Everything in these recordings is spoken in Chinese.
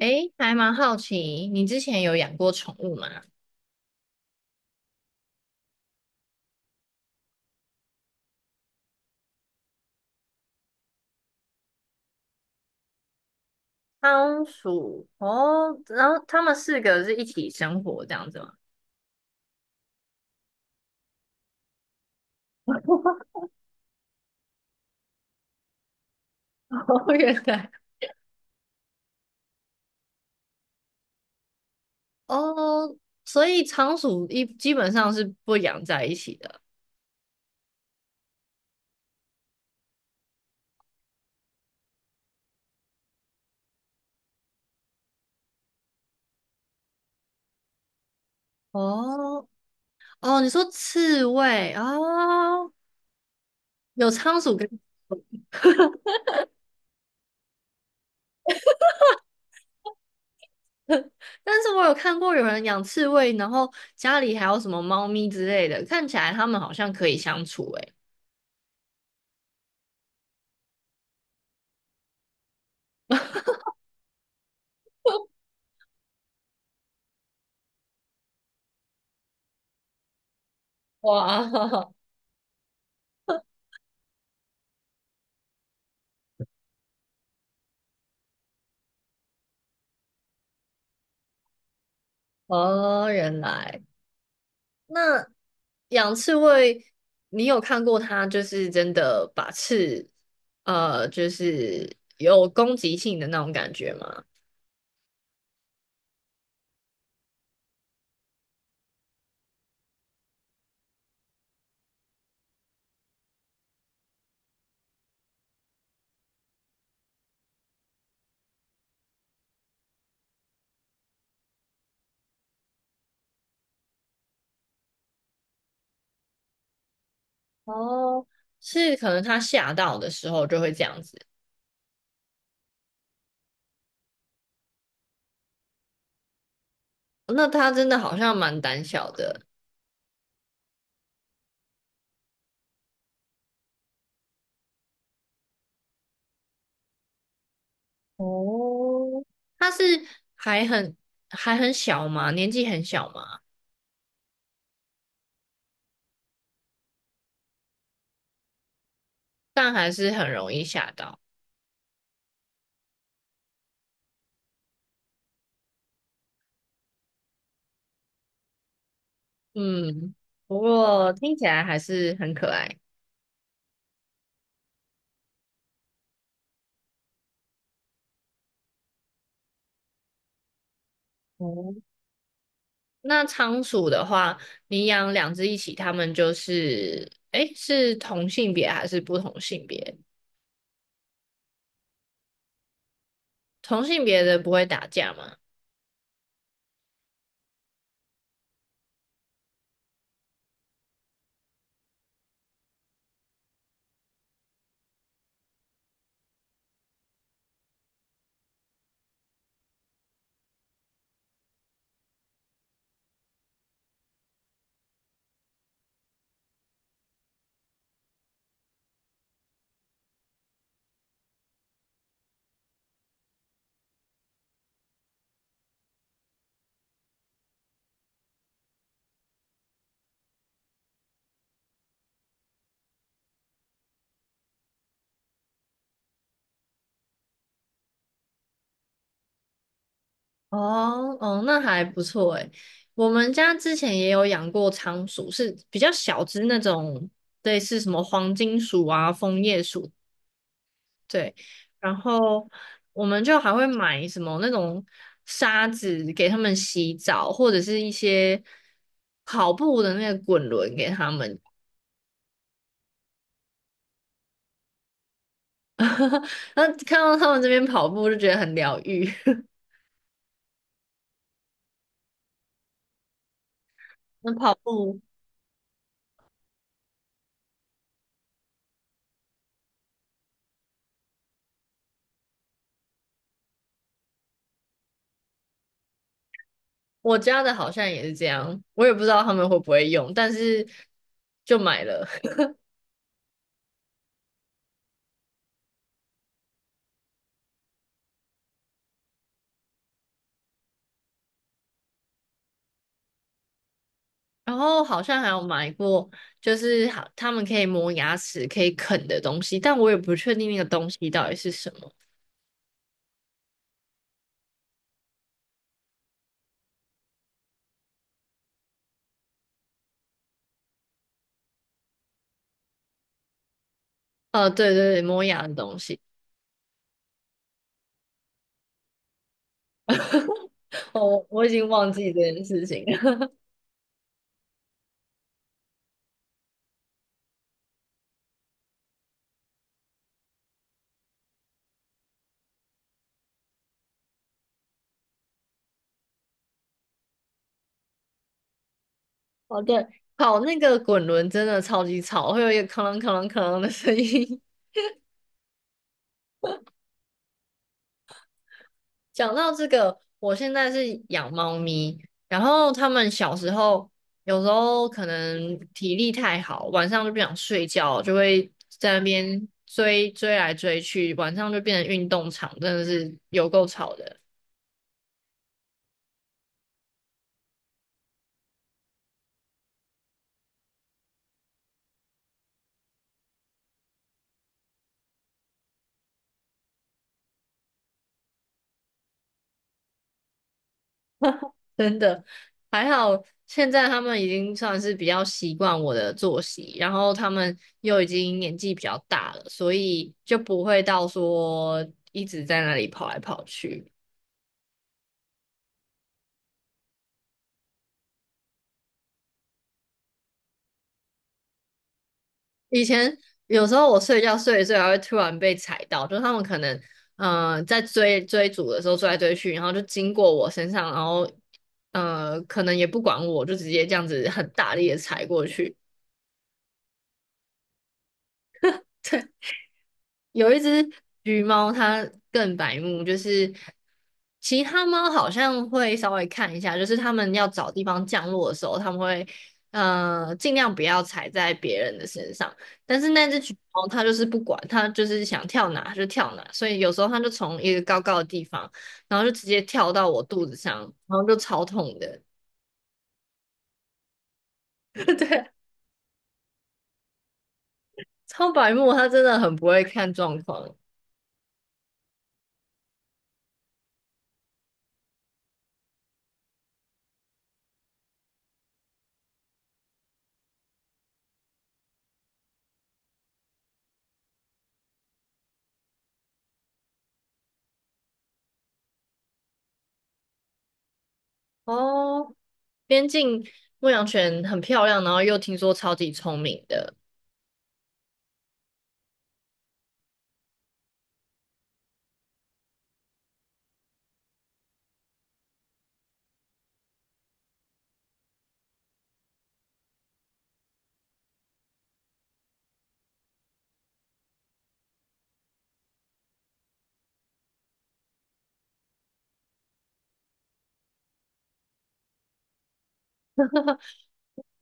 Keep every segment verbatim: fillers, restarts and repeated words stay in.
诶，还蛮好奇，你之前有养过宠物吗？仓鼠哦，然后他们四个是一起生活这样子吗？哦，原来哦，所以仓鼠一基本上是不养在一起的。哦哦，你说刺猬哦，有仓鼠跟，但是我有看过有人养刺猬，然后家里还有什么猫咪之类的，看起来它们好像可以相处诶。哇，哦，原来。那。养刺猬，你有看过它就是真的把刺，呃，就是有攻击性的那种感觉吗？哦，是可能它吓到的时候就会这样子。那它真的好像蛮胆小的。哦，它是还很还很小嘛，年纪很小嘛，但还是很容易吓到。嗯，不过听起来还是很可爱。哦那仓鼠的话，你养两只一起，它们就是，诶，是同性别还是不同性别？同性别的不会打架吗？哦哦，那还不错诶。我们家之前也有养过仓鼠，是比较小只那种，类似什么黄金鼠啊、枫叶鼠，对。然后我们就还会买什么那种沙子给它们洗澡，或者是一些跑步的那个滚轮给它们。然后看到他们这边跑步就觉得很疗愈。那跑步，我家的好像也是这样，我也不知道他们会不会用，但是就买了。然后好像还有买过，就是好他们可以磨牙齿、可以啃的东西，但我也不确定那个东西到底是什么。呃，对对对，磨牙的东西，哦，我已经忘记这件事情了。哦，对，跑那个滚轮真的超级吵，会有一个哐啷哐啷哐啷的声音。讲到这个，我现在是养猫咪，然后他们小时候有时候可能体力太好，晚上就不想睡觉，就会在那边追追来追去，晚上就变成运动场，真的是有够吵的，真的。还好现在他们已经算是比较习惯我的作息，然后他们又已经年纪比较大了，所以就不会到说一直在那里跑来跑去。以前有时候我睡觉睡一睡，还会突然被踩到，就是他们可能嗯、呃在追追逐的时候追来追去，然后就经过我身上，然后呃可能也不管我，就直接这样子很大力的踩过去。有一只橘猫，它更白目，就是其他猫好像会稍微看一下，就是它们要找地方降落的时候，它们会呃尽量不要踩在别人的身上。但是那只橘猫它就是不管，它就是想跳哪就跳哪，所以有时候它就从一个高高的地方，然后就直接跳到我肚子上，然后就超痛的。对，超白目，它真的很不会看状况。哦，边境牧羊犬很漂亮，然后又听说超级聪明的。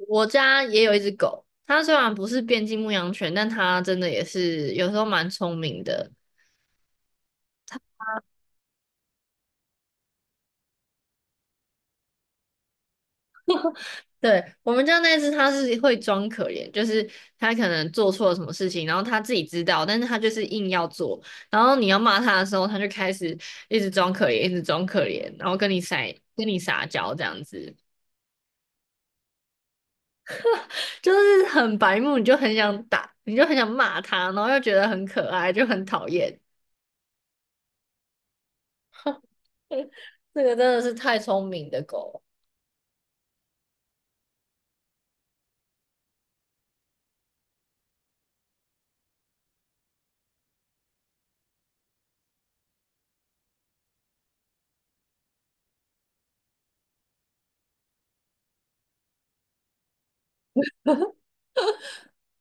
我家也有一只狗，它虽然不是边境牧羊犬，但它真的也是有时候蛮聪明的。对，我们家那只，它是会装可怜，就是它可能做错了什么事情，然后它自己知道，但是它就是硬要做。然后你要骂它的时候，它就开始一直装可怜，一直装可怜，然后跟你撒跟你撒娇这样子。就是很白目，你就很想打，你就很想骂它，然后又觉得很可爱，就很讨厌。这个真的是太聪明的狗，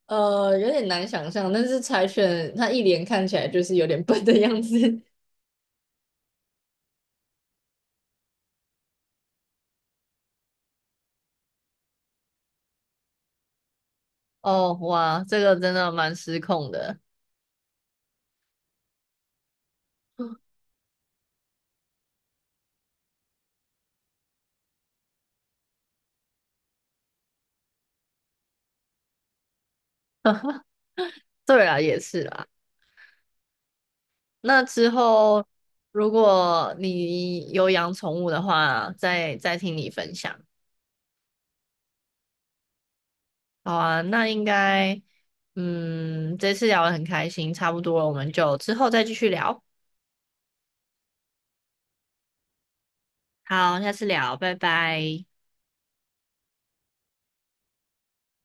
呃，有点难想象，但是柴犬它一脸看起来就是有点笨的样子。哦，哇，这个真的蛮失控的。对啊，也是啦。那之后，如果你有养宠物的话，再再听你分享。好啊，那应该，嗯，这次聊得很开心，差不多了，我们就之后再继续聊。好，下次聊，拜拜。